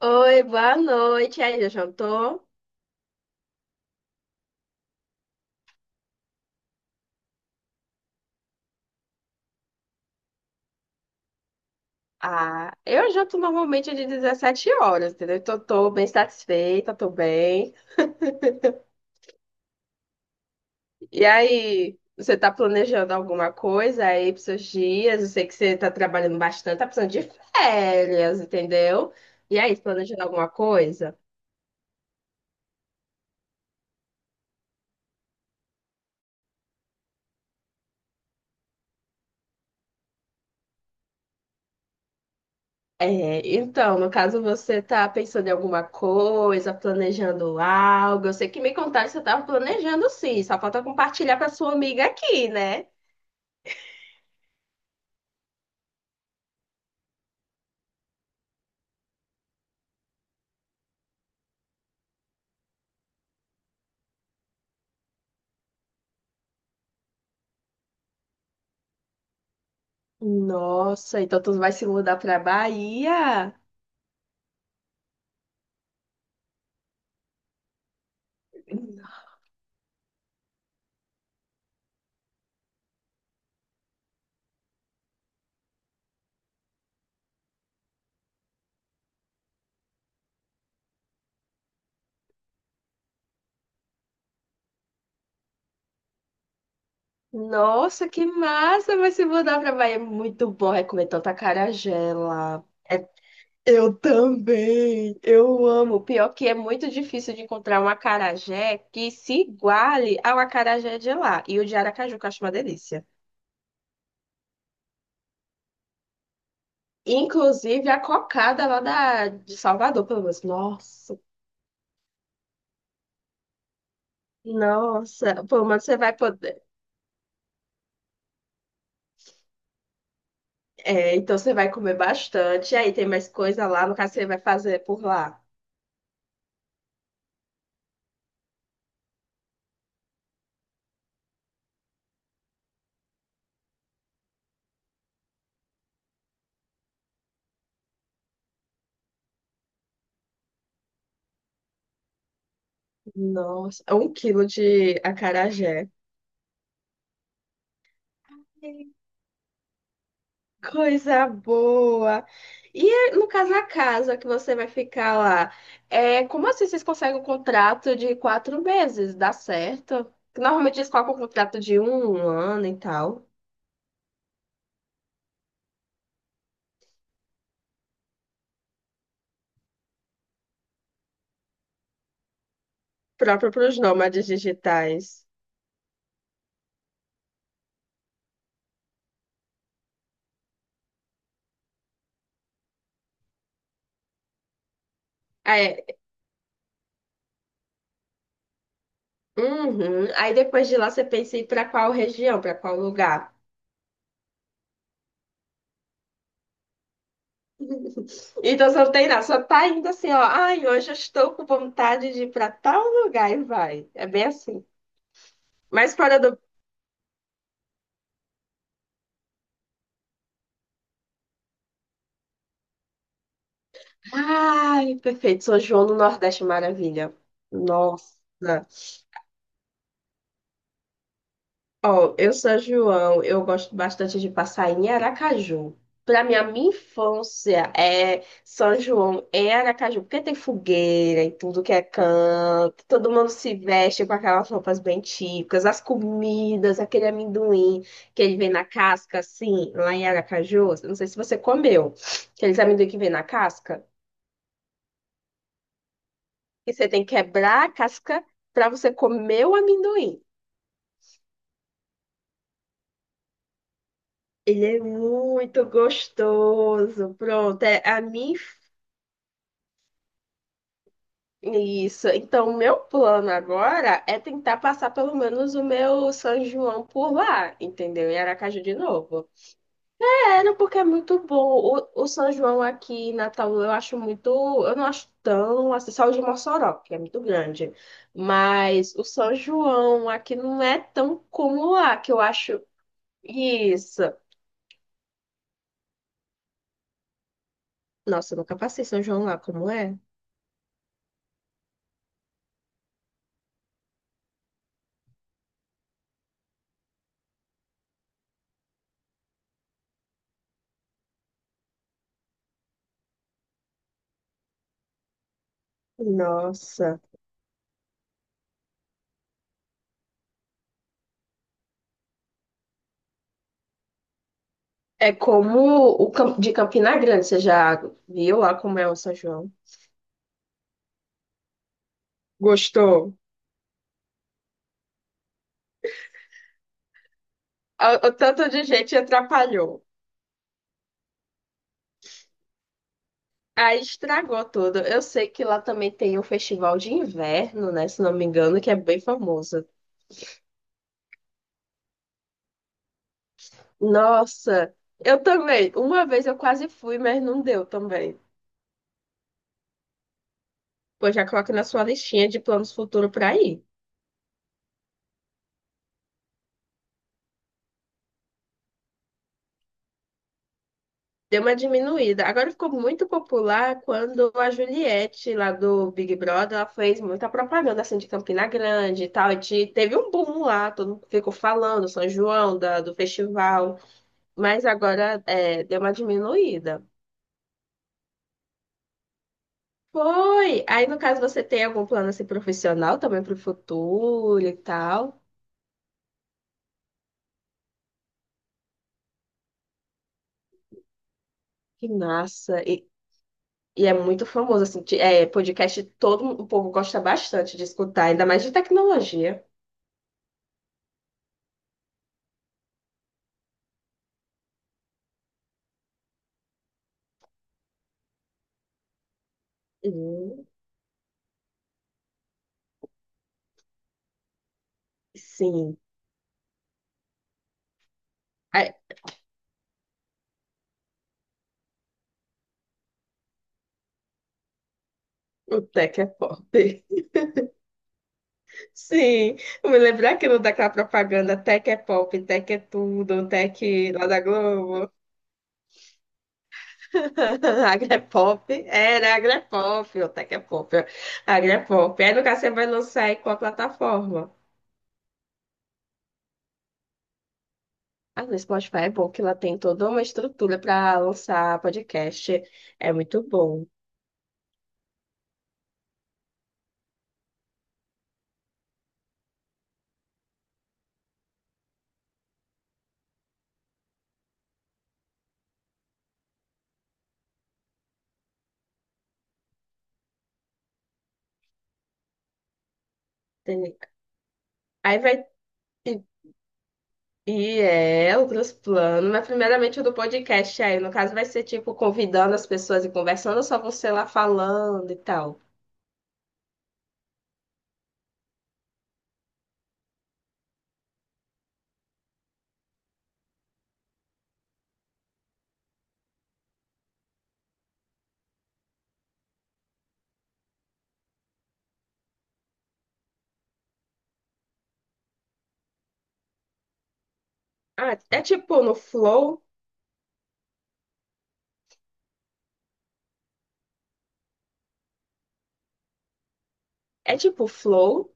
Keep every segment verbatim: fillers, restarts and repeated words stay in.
Oi, boa noite. E aí, já jantou? Ah, eu janto normalmente de dezessete horas, entendeu? Então, tô bem satisfeita, tô bem. E aí, você tá planejando alguma coisa aí pros seus dias? Eu sei que você tá trabalhando bastante, tá precisando de férias, entendeu? E aí, planejando alguma coisa? É, então, no caso, você tá pensando em alguma coisa, planejando algo. Eu sei que me contaram que você tava planejando sim, só falta compartilhar com a sua amiga aqui, né? Nossa, então tu vai se mudar pra Bahia? Nossa, que massa! Vai se mudar pra Bahia. É muito bom. É comer tanta acarajé lá. É, eu também. Eu amo. Pior que é muito difícil de encontrar um acarajé que se iguale ao acarajé de lá. E o de Aracaju, que eu acho uma delícia. Inclusive a cocada lá da, de Salvador, pelo menos. Nossa, nossa. Pelo menos você vai poder. É, então você vai comer bastante. Aí tem mais coisa lá, no caso você vai fazer por lá. Nossa, um quilo de acarajé. Coisa boa! E é, no caso, a casa que você vai ficar lá, é, como assim vocês conseguem um contrato de quatro meses? Dá certo? Normalmente eles colocam um contrato de um, um ano e tal, próprio para os nômades digitais. É, uhum. Aí depois de lá você pensa em ir para qual região, para qual lugar. Então você não tem nada, só tá indo assim, ó. Ai, hoje eu estou com vontade de ir pra tal lugar e vai. É bem assim. Mas fora do. Ai, perfeito. São João no Nordeste, maravilha. Nossa. Ó, eu sou João, eu gosto bastante de passar em Aracaju. Para mim, a minha infância é São João em Aracaju, porque tem fogueira e tudo que é canto, todo mundo se veste com aquelas roupas bem típicas, as comidas, aquele amendoim que ele vem na casca, assim, lá em Aracaju. Eu não sei se você comeu, aqueles amendoim que vem na casca, que você tem que quebrar a casca para você comer o amendoim. Ele é muito gostoso. Pronto, é a minha. Isso. Então, o meu plano agora é tentar passar pelo menos o meu São João por lá, entendeu? Em Aracaju de novo. Sério, porque é muito bom. O, o São João aqui em Natal eu acho muito. Eu não acho tão. Assim, só o de Mossoró, que é muito grande. Mas o São João aqui não é tão como lá, que eu acho. Isso. Nossa, eu nunca passei São João lá, como é? Nossa. É como o Cam- de Campina Grande, você já viu lá como é o São João? Gostou? O, o tanto de gente atrapalhou. Aí estragou tudo. Eu sei que lá também tem um festival de inverno, né? Se não me engano, que é bem famoso. Nossa, eu também. Uma vez eu quase fui, mas não deu também. Pois já coloque na sua listinha de planos futuros para ir. Deu uma diminuída. Agora ficou muito popular quando a Juliette, lá do Big Brother, ela fez muita propaganda assim de Campina Grande e tal. E te- teve um boom lá, todo mundo ficou falando, São João, da, do festival. Mas agora é, deu uma diminuída. Foi! Aí, no caso, você tem algum plano assim, profissional também para o futuro e tal? Que massa! E, e é muito famoso, assim, te- é, podcast todo o povo gosta bastante de escutar, ainda mais de tecnologia. Hum, Sim. Ai, o Tech é pop. Sim, eu me lembro daquilo daquela propaganda Tech é pop, Tech é tudo, Tech lá da Globo. Agrepop, era Agrepop, o Tech é pop, Agrepop. Aí no caso você vai lançar em qual plataforma? Ah, no Spotify é bom que ela tem toda uma estrutura para lançar podcast. É muito bom. Tem- Aí vai. E é, outros planos, mas primeiramente o do podcast aí, no caso vai ser tipo convidando as pessoas e conversando, ou só você lá falando e tal. Ah, é tipo no Flow? É tipo Flow?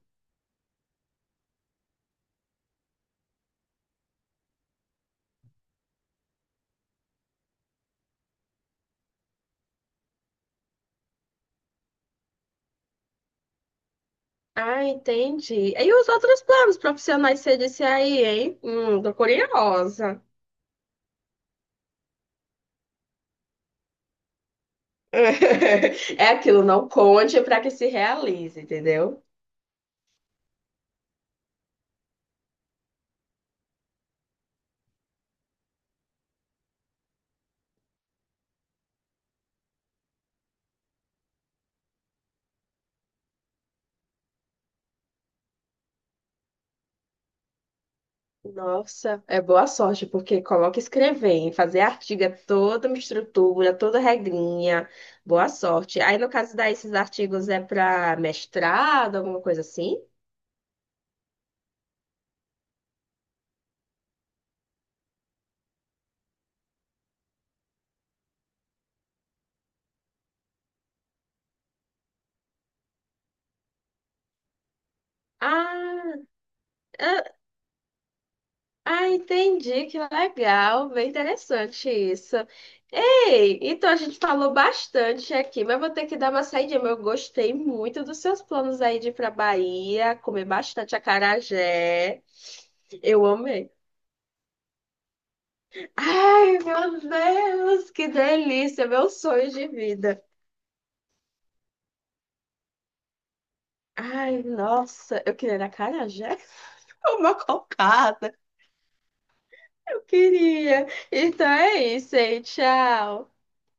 Ah, entendi. E os outros planos profissionais que você disse aí, hein? Hum, tô curiosa. É aquilo, não conte para que se realize, entendeu? Nossa, é boa sorte, porque coloca escrever, hein? Fazer artigo é toda uma estrutura, toda regrinha. Boa sorte. Aí, no caso daí, esses artigos é para mestrado, alguma coisa assim? Ah, ah, ah, entendi, que legal, bem interessante isso. Ei, então a gente falou bastante aqui, mas vou ter que dar uma saída. Mas eu gostei muito dos seus planos aí de ir pra Bahia, comer bastante acarajé. Eu amei. Ai, meu Deus, que delícia, meu sonho de vida. Ai, nossa, eu queria acarajé, uma cocada, eu queria. Então é isso aí, tchau.